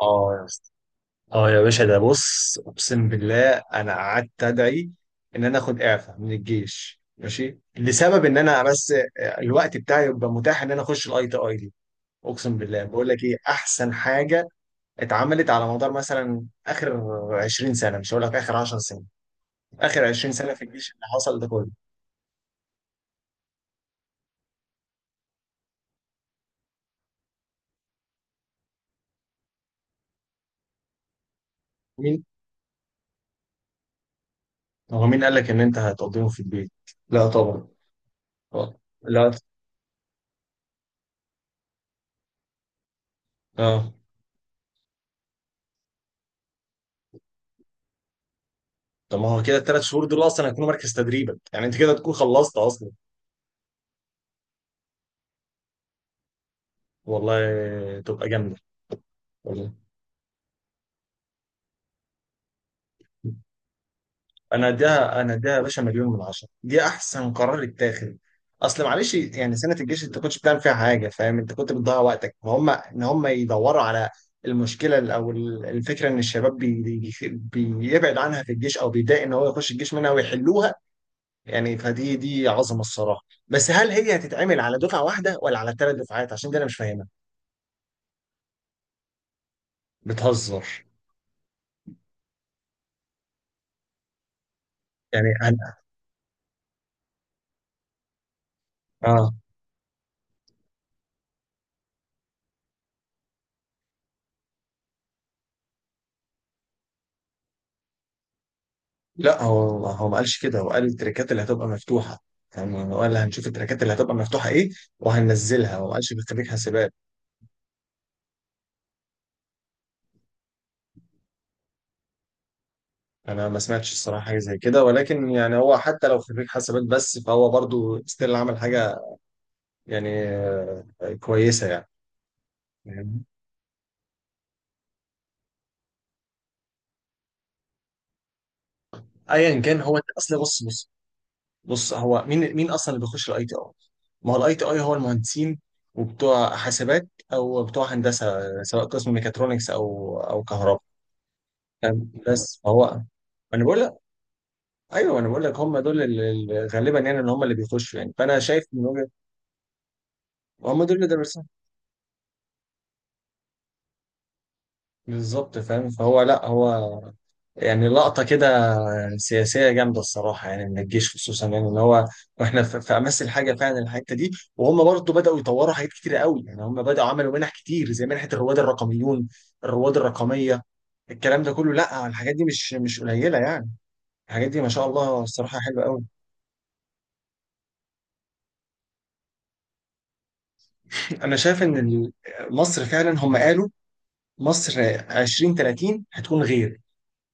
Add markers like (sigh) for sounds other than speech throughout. اه يا اسطى، اه يا باشا، ده بص، اقسم بالله انا قعدت ادعي ان انا اخد اعفاء من الجيش، ماشي، لسبب ان انا بس الوقت بتاعي يبقى متاح ان انا اخش الاي تي اي دي. اقسم بالله، بقول لك ايه احسن حاجه اتعملت على مدار مثلا اخر 20 سنه. مش هقول لك اخر 10 سنين، اخر 20 سنه في الجيش اللي حصل ده كله. مين؟ هو مين قال لك ان انت هتقضيهم في البيت؟ لا طبعا. آه. لا. اه، طب ما هو كده الثلاث شهور دول اصلا هيكونوا مركز تدريبك، يعني انت كده تكون خلصت اصلا. والله تبقى جامدة. والله انا اديها، انا اديها يا باشا مليون من عشرة، دي احسن قرار اتاخد. اصل معلش يعني سنة الجيش انت كنتش بتعمل فيها حاجة، فاهم؟ انت كنت بتضيع وقتك، فهم ان هم يدوروا على المشكلة، او الفكرة ان الشباب بيبعد عنها في الجيش، او بيضايق ان هو يخش الجيش منها ويحلوها. يعني فدي عظمة الصراحة. بس هل هي هتتعمل على دفعة واحدة ولا على ثلاث دفعات؟ عشان دي انا مش فاهمها. بتهزر؟ يعني انا اه، لا، هو ما قالش كده، هو قال التريكات اللي هتبقى مفتوحه. يعني هو قال هنشوف التريكات اللي هتبقى مفتوحه ايه وهننزلها، هو ما قالش في خريج حاسبات. انا ما سمعتش الصراحه حاجه زي كده، ولكن يعني هو حتى لو خريج حاسبات بس، فهو برضو ستيل عمل حاجه يعني كويسه يعني. فاهمني؟ ايا كان، هو اصل بص، بص هو مين اصلا اللي بيخش الاي تي اي؟ ما هو الاي تي اي هو المهندسين وبتوع حاسبات، او بتوع هندسه سواء قسم ميكاترونكس او كهرباء. تمام؟ بس هو انا بقول، ايوه انا بقول لك هم دول اللي غالبا يعني اللي هم اللي بيخشوا، يعني فانا شايف من وجهه. هم دول اللي درسوها بالظبط، فاهم؟ فهو لا هو يعني لقطه كده سياسيه جامده الصراحه، يعني من الجيش خصوصا، يعني ان هو واحنا في امس الحاجه فعلا الحته دي. وهم برضه بداوا يطوروا حاجات كتير قوي، يعني هم بداوا عملوا منح كتير زي منحه الرواد الرقميون، الرواد الرقميه. الكلام ده كله، لا، الحاجات دي مش قليله يعني. الحاجات دي ما شاء الله الصراحه حلوه قوي. انا شايف ان مصر فعلا هم قالوا مصر 2030 هتكون غير،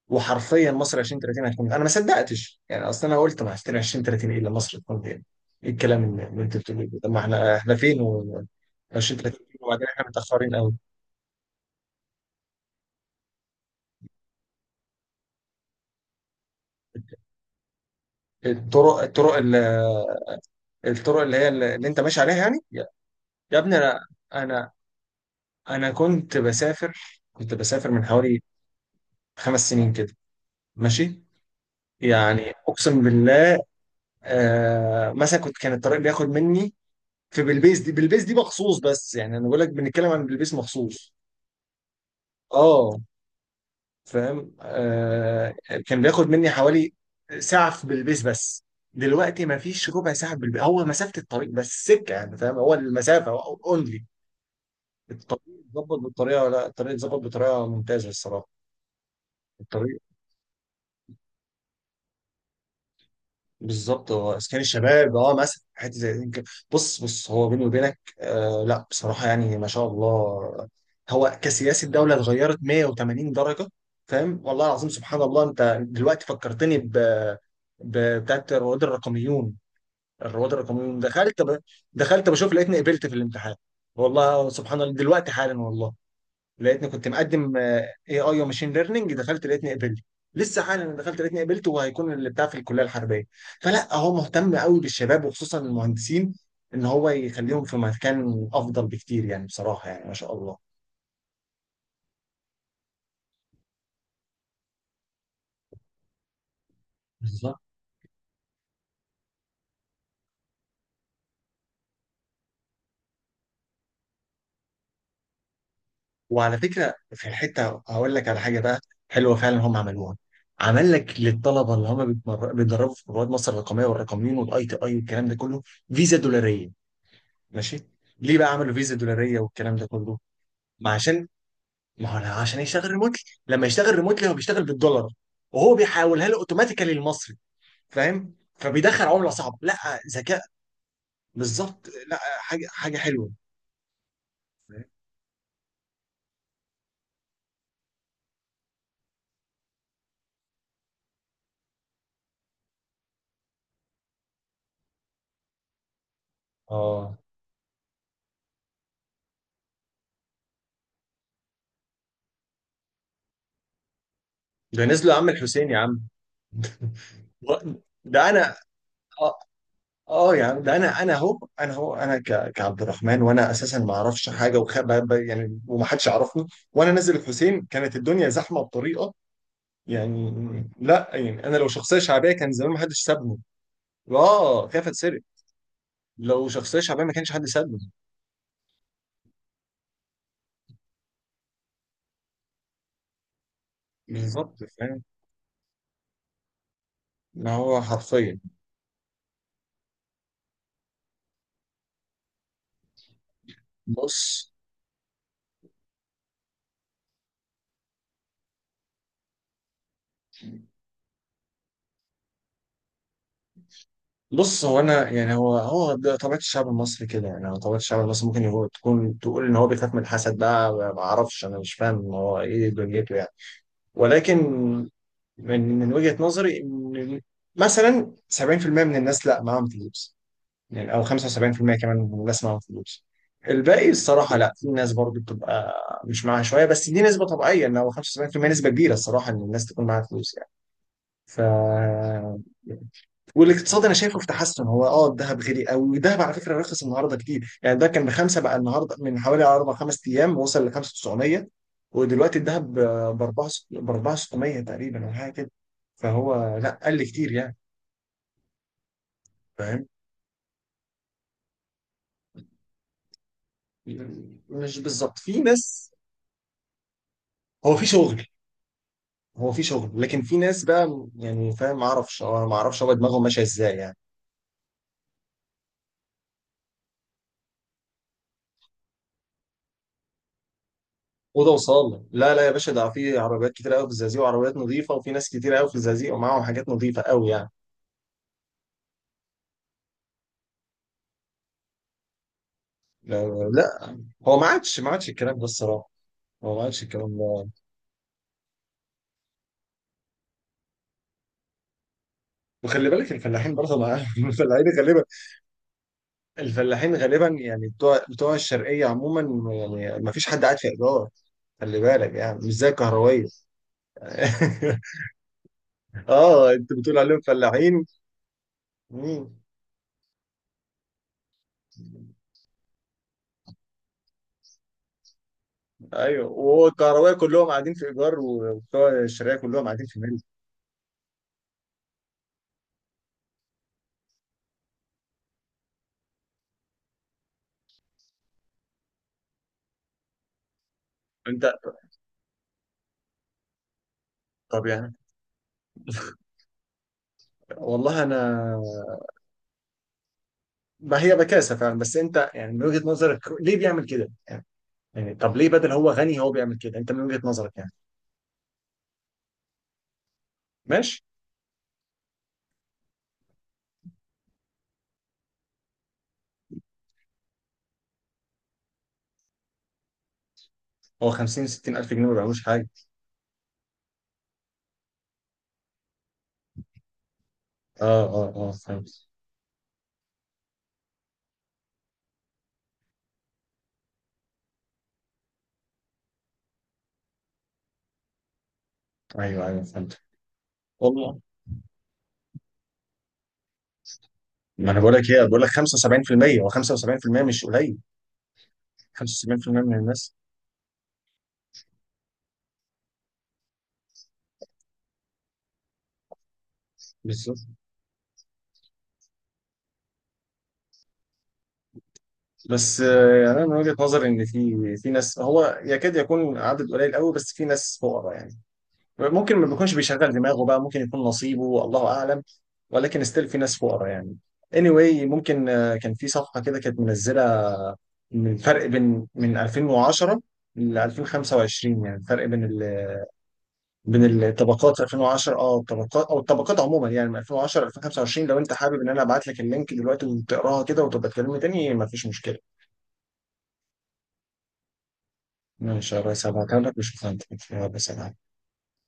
وحرفيا مصر 2030 هتكون. انا ما صدقتش يعني، اصل انا قلت ما 2030 ايه اللي مصر تكون غير؟ ايه الكلام اللي انت بتقوله ده؟ طب ما احنا، احنا فين و 2030 وبعدين احنا متاخرين قوي. الطرق، الطرق اللي هي اللي انت ماشي عليها يعني، يا يا ابني انا، انا انا كنت بسافر، كنت بسافر من حوالي خمس سنين كده، ماشي، يعني اقسم بالله، آه. مثلا كنت، كان الطريق بياخد مني في بلبيس، دي بلبيس دي مخصوص، بس يعني انا بقول لك بنتكلم عن بلبيس مخصوص. اه، فاهم. آه، كان بياخد مني حوالي ساعة في بلبيس بس، دلوقتي ما فيش ربع ساعة في بلبيس. هو مسافة الطريق بس سكة، يعني فاهم، هو المسافة اونلي الطريق اتظبط بالطريقة، لا الطريق اتظبط بطريقة ممتازة الصراحة. الطريق بالظبط، هو اسكان الشباب اه مثلا، حته زي دي كده. بص هو بيني وبينك آه، لا بصراحه يعني ما شاء الله، هو كسياسه الدوله اتغيرت 180 درجه. فاهم؟ والله العظيم سبحان الله. انت دلوقتي فكرتني بتاعت رواد الرقميون. الرواد الرقميون، دخلت ب... دخلت بشوف لقيتني قبلت في الامتحان. والله سبحان الله، دلوقتي حالا والله، لقيتني كنت مقدم اي اي وماشين ليرنينج، دخلت لقيتني قبلت. لسه حالا دخلت لقيتني قبلت، وهيكون اللي بتاع في الكليه الحربيه. فلا، هو مهتم قوي بالشباب وخصوصا المهندسين، ان هو يخليهم في مكان افضل بكتير، يعني بصراحه، يعني ما شاء الله. بالظبط. وعلى فكره في الحته هقول لك على حاجه بقى حلوه فعلا هم عملوها. عمل لك للطلبه اللي هم بيتدربوا في رواد مصر الرقميه والرقميين والاي تي اي والكلام ده كله، فيزا دولاريه. ماشي. ليه بقى عملوا فيزا دولاريه والكلام ده كله؟ ما عشان، ما هو لا، عشان يشتغل ريموتلي. لما يشتغل ريموتلي هو بيشتغل بالدولار، وهو بيحولها له اوتوماتيكالي المصري، فاهم؟ فبيدخل عمله صعبه، لا ذكاء. بالظبط، لا حاجه، حاجه حلوه. فاهم؟ اه، ده نزلوا يا عم الحسين، يا عم (laughs) ده انا، اه. آه يا عم، ده انا، انا اهو انا كعبد الرحمن، وانا اساسا ما اعرفش حاجه، وخ... يعني ومحدش يعرفني، وانا نازل الحسين كانت الدنيا زحمه بطريقه، يعني لا، يعني انا لو شخصيه شعبيه كان زمان ما حدش سابني. اه خايف اتسرق. لو شخصية شعبية ما كانش حد سابه. امم، بالظبط فاهم، اللي هو حرفيا. بص بص هو انا يعني، هو ده طبيعة الشعب المصري كده، يعني هو طبيعة الشعب المصري، ممكن هو تكون تقول ان هو بيخاف من الحسد بقى، ما اعرفش انا، مش فاهم هو ايه دنيته يعني. ولكن من وجهة نظري ان مثلا 70% من الناس لا معاهم فلوس، يعني او 75% كمان من الناس معاهم فلوس. الباقي الصراحه، لا، في ناس برضو بتبقى مش معاها شويه، بس دي نسبه طبيعيه ان هو 75% نسبه كبيره الصراحه، ان الناس تكون معاها فلوس يعني. ف، والاقتصاد انا شايفه في تحسن. هو اه، الذهب غالي قوي، والذهب على فكره رخص النهارده كتير، يعني ده كان بخمسه بقى النهارده، من حوالي اربع خمس ايام وصل ل 5900، ودلوقتي الذهب ب 4 ب 4600 تقريبا او حاجه كده، فهو لا قل كتير يعني. فاهم؟ مش بالظبط، في ناس هو في شغل، هو في شغل لكن في ناس بقى يعني، فاهم؟ ما اعرفش، أو أنا ما اعرفش هو دماغهم ماشيه ازاي يعني. اوضه وصاله. لا لا يا باشا، ده في عربيات كتير قوي في الزقازيق، وعربيات نظيفه، وفي ناس كتير قوي في الزقازيق ومعاهم حاجات نظيفه قوي يعني. لا، لا، هو ما عادش، ما عادش الكلام ده الصراحه. هو ما عادش الكلام ده. وخلي بالك الفلاحين برضه (laughs) الفلاحين غالبا، الفلاحين غالبا يعني بتوع الشرقيه عموما، يعني ما فيش حد قاعد في ايجار. خلي بالك يعني مش زي الكهروية (laughs) اه انت بتقول عليهم فلاحين. مم. ايوه، وهو الكهربائي كلهم قاعدين في ايجار وبتوع الشركه كلهم قاعدين في ملك. انت؟ طب يعني والله انا، ما هي بكاسه فعلا، بس انت يعني من وجهه نظرك ليه بيعمل كده؟ يعني، يعني طب ليه بدل هو غني هو بيعمل كده؟ انت من وجهه نظرك يعني. ماشي. هو 50 60 الف جنيه ما بيعملوش حاجه. اه اه، فهمت. ايوه ايوه فهمت. والله، ما انا بقول لك ايه، بقول لك 75%. هو 75% مش قليل، 75% من الناس بالظبط. بس يعني انا من وجهة نظري ان في ناس، هو يكاد يكون عدد قليل قوي، بس في ناس فقراء يعني. ممكن ما بيكونش بيشغل دماغه بقى، ممكن يكون نصيبه الله اعلم، ولكن ستيل في ناس فقراء يعني. anyway، ممكن كان في صفحة كده كانت منزلة من الفرق بين من 2010 ل 2025، يعني الفرق بين ال... بين الطبقات 2010، اه، الطبقات او الطبقات عموما، يعني من 2010 ل 2025. لو انت حابب ان انا ابعت لك اللينك دلوقتي وتقراها كده وتبقى تكلمني تاني، مفيش مشكلة. ماشي، هبقى أسألها لك وأشوف هتكون فيها بس.